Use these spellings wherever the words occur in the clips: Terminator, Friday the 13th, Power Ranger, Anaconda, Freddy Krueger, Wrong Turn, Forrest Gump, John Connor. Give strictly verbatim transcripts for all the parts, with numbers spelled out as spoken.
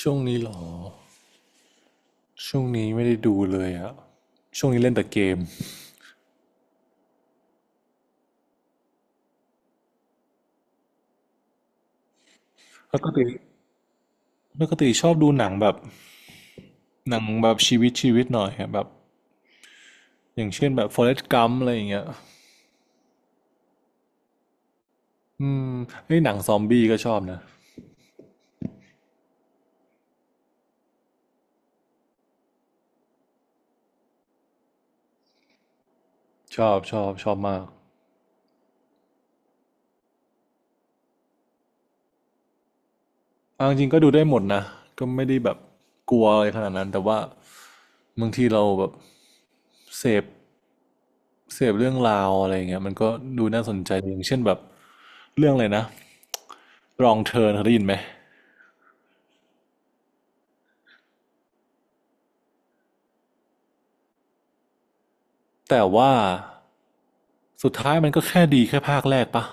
ช่วงนี้เหรอช่วงนี้ไม่ได้ดูเลยอะช่วงนี้เล่นแต่เกมปกติปกติชอบดูหนังแบบหนังแบบชีวิตชีวิตหน่อยอะแบบอย่างเช่นแบบ Forrest Gump อะไรอย่างเงี้ยอืมไอ้ยหนังซอมบี้ก็ชอบนะชอบชอบชอบมากเอาจริงๆก็ดูได้หมดนะก็ไม่ได้แบบกลัวอะไรขนาดนั้นแต่ว่าบางทีเราแบบเสพเสพเรื่องราวอะไรอย่างเงี้ยมันก็ดูน่าสนใจดีอย่างเช่นแบบเรื่องอะไรนะ Wrong Turn เคยได้ยินไหมแต่ว่า สุดท้ายมันก็แค่ดีแค่ภาคแรกปะ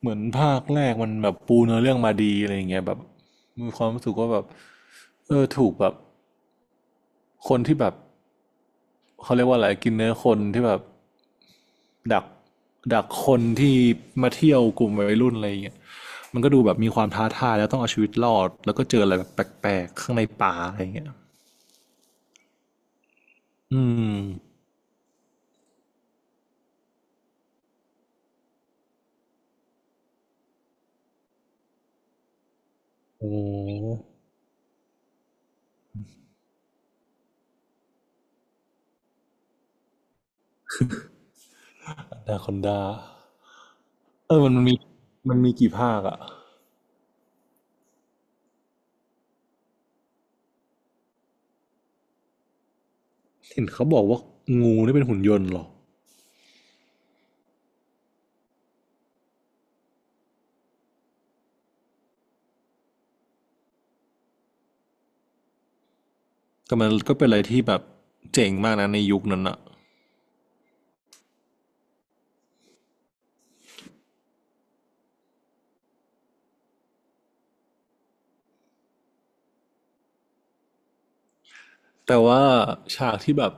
เหมือนภาคแรกมันแบบปูเนื้อเรื่องมาดีอะไรอย่างเงี้ยแบบมีความรู้สึกว่าแบบเออถูกแบบคนที่แบบเขาเรียกว่าอะไรกินเนื้อคนที่แบบดักดักคนที่มาเที่ยวกลุ่มวัยรุ่นอะไรอย่างเงี้ยมันก็ดูแบบมีความท้าทายแล้วต้องเอาชีวิตรอดแล้วก็เจออะไรแบบแปลกๆข้างในป่าอะไรอย่างเงี้ยอืมโอ้อนาคอนดาเออมันมีมันมีกี่ภาคอะเห็นเขาบอกว่างูนี่เป็นหุ่นยนต์เหรอ แต่มันก็เป็นอะไรที่แบบเจ๋งมากนะในยุคนั้นอะแต่ว่าฉากที่แบบ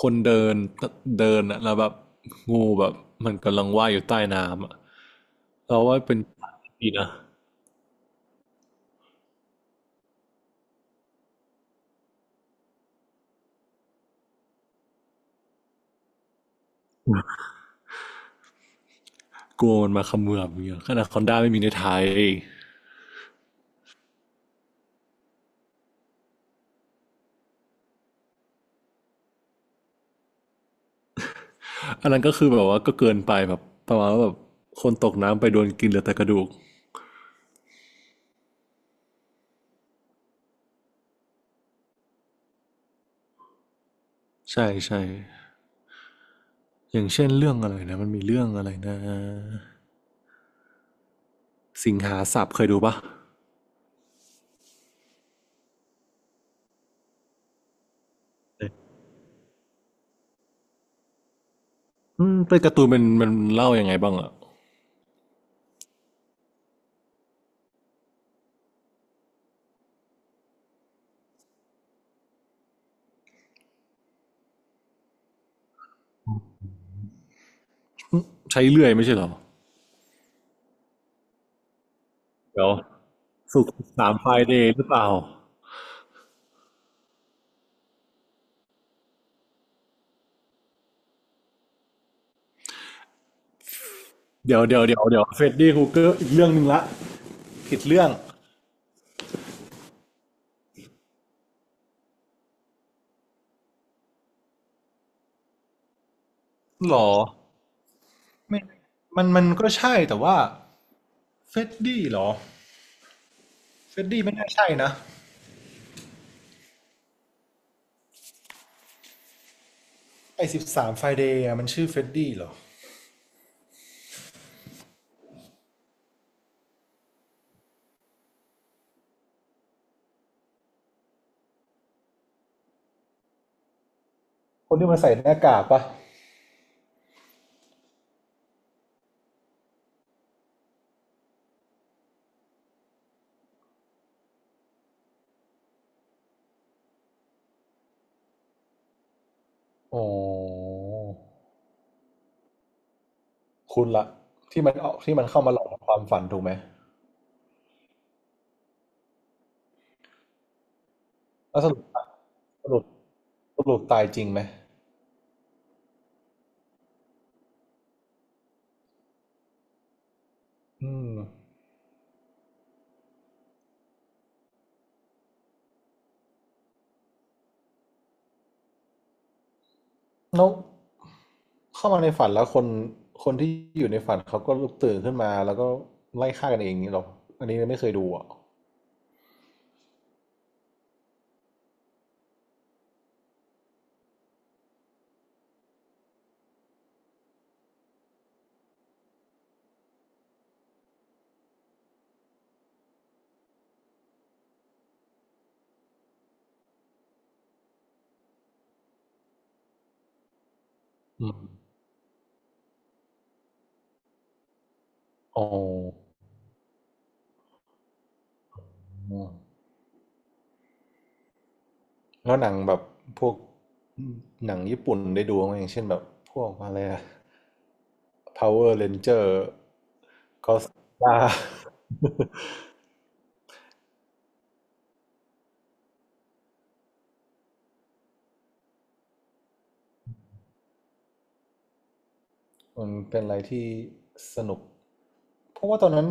คนเดินเดินอะแล้วแบบงูแบบมันกำลังว่ายอยู่ใต้น้ำอะเราว่าเป็นฉากี่ดีนะกลัวมันมาเขมือบอย่างเงี้ยขนาดคอนด้าไม่มีในไทยอันนั้นก็คือแบบว่าก็เกินไปแบบประมาณว่าแบบคนตกน้ำไปโดนกินเหลือแต่กระดูกใช่ใช่อย่างเช่นเรื่องอะไรนะมันมีเรื่องอะไรนะสิงหาสับเคยดูปะอืมเป็นการ์ตูนมันมันเล่ายังไงบ้างอะ ใช้เลื่อยไม่ใช่เหรอเดี๋ยวสุกสามไฟเดย์หรือเปล่าเดี๋ยวเดี๋ยวเดี๋ยวเดี๋ยวเฟรดดี้ฮูเกอร์อีกเรื่องหนึ่งละผิดเรื่องหรอไม่มันมันก็ใช่แต่ว่าเฟรดดี้หรอเฟรดดี้ไม่น่าใช่นะไอสิบสามไฟเดย์มันชื่อเฟรดดี้หรอคนที่มันใส่หน้ากากปะอ๋อคุณละที่มันออกที่มันเข้ามาหลอกความฝันถูกไหมแล้วสรุปสรุปสรุปตายจริงไหมอืม แล้วเข้ามาในฝันแล้วคนคนที่อยู่ในฝันเขาก็ลุกตื่นขึ้นมาแล้วก็ไล่ฆ่ากันเองอย่างนี้หรออันนี้ไม่เคยดูอ่ะอืมอ๋อ แล้วหนังแบบพวกหนังญี่ปุ่นได้ดูไหมอย่างเช่นแบบพวกอะไรอะ Power Ranger บ้ามันเป็นอะไรที่สนุก เพราะว่าตอนนั้น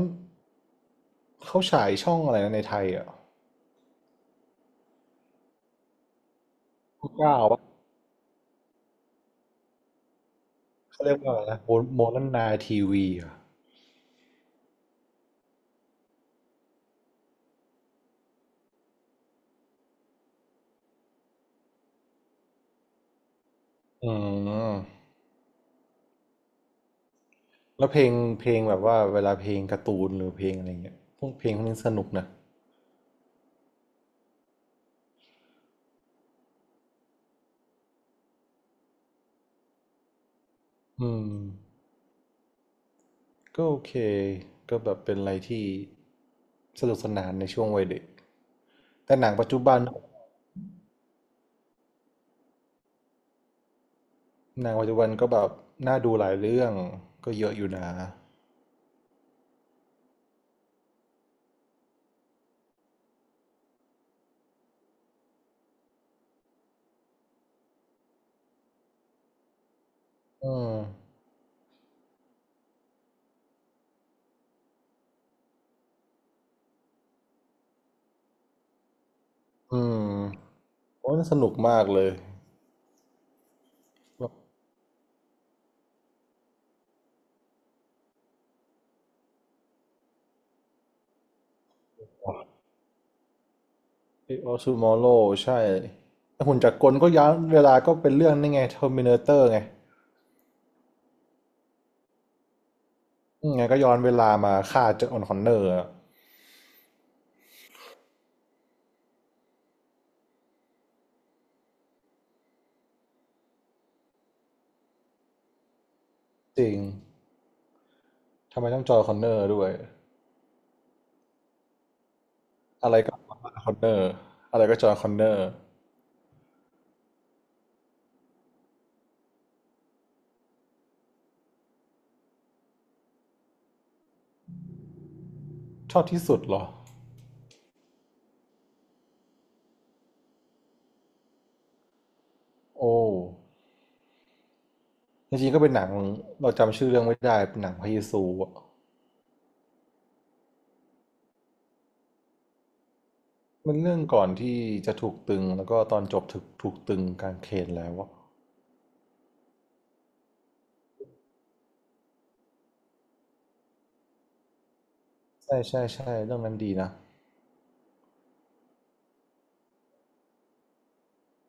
เขาฉายช่องอะไรนะในไทยอ่ะเก้าเขาเรียกว่าอะไรนะโมโมนนาทีวีอ่ะอืม แล้วเพลงเพลงแบบว่าเวลาเพลงการ์ตูนหรือเพลงอะไรเงี้ยพวกเพลงพวกนี้สนุกนะอืมก็โอเคก็แบบเป็นอะไรที่สนุกสนานในช่วงวัยเด็กแต่หนังปัจจุบันหนังปัจจุบันก็แบบน่าดูหลายเรื่องก็เยอะอยู่นะอืมอืมโอ้ยน่าสนุกมากเลยแบบไอออสมอโลใช่แต่หุ่นจักรกลก็ย้อนเวลาก็เป็นเรื่องนี่ไงเทอร์มินาเตอร์ไงอืมไงก็ย้อนเวลามาฆ่าเจอห์นคอนเนอร์อะจริง ทำไมต้องจอห์นคอนเนอร์ด้วยอะไรก็คอนเนอร์อะไรก็จอห์นคอนเนอร์ชอบที่สุดเหรอโอ้จริงๆก็เป็นหนังเราจำชื่อเรื่องไม่ได้เป็นหนังพระเยซูอะมันเรื่องก่อนที่จะถูกตึงแล้วก็ตอนจบถูกถูกตึงกางเขนแล้วอะใช่ใช่ใช่เรื่องนั้นดีนะ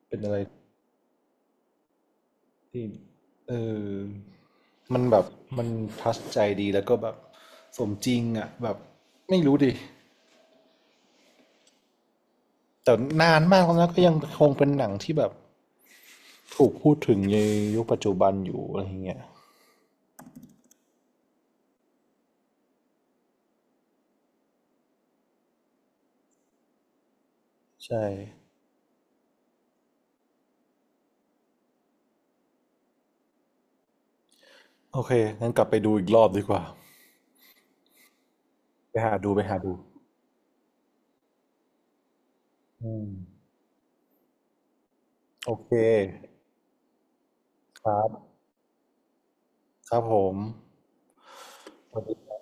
เป็นอะไรที่เออมันแบบมันทัชใจดีแล้วก็แบบสมจริงอะแบบไม่รู้ดิแต่นานมากแล้วนะก็ยังคงเป็นหนังที่แบบ ถูกพูดถึงในยุคปัจจุบันอยู่อะไรอย่างเงี้ยใช่โอเคงั้นกลับไปดูอีกรอบดีกว่าไปหาดูไปหาดูอืมโอเคครับครับผมสวัสดี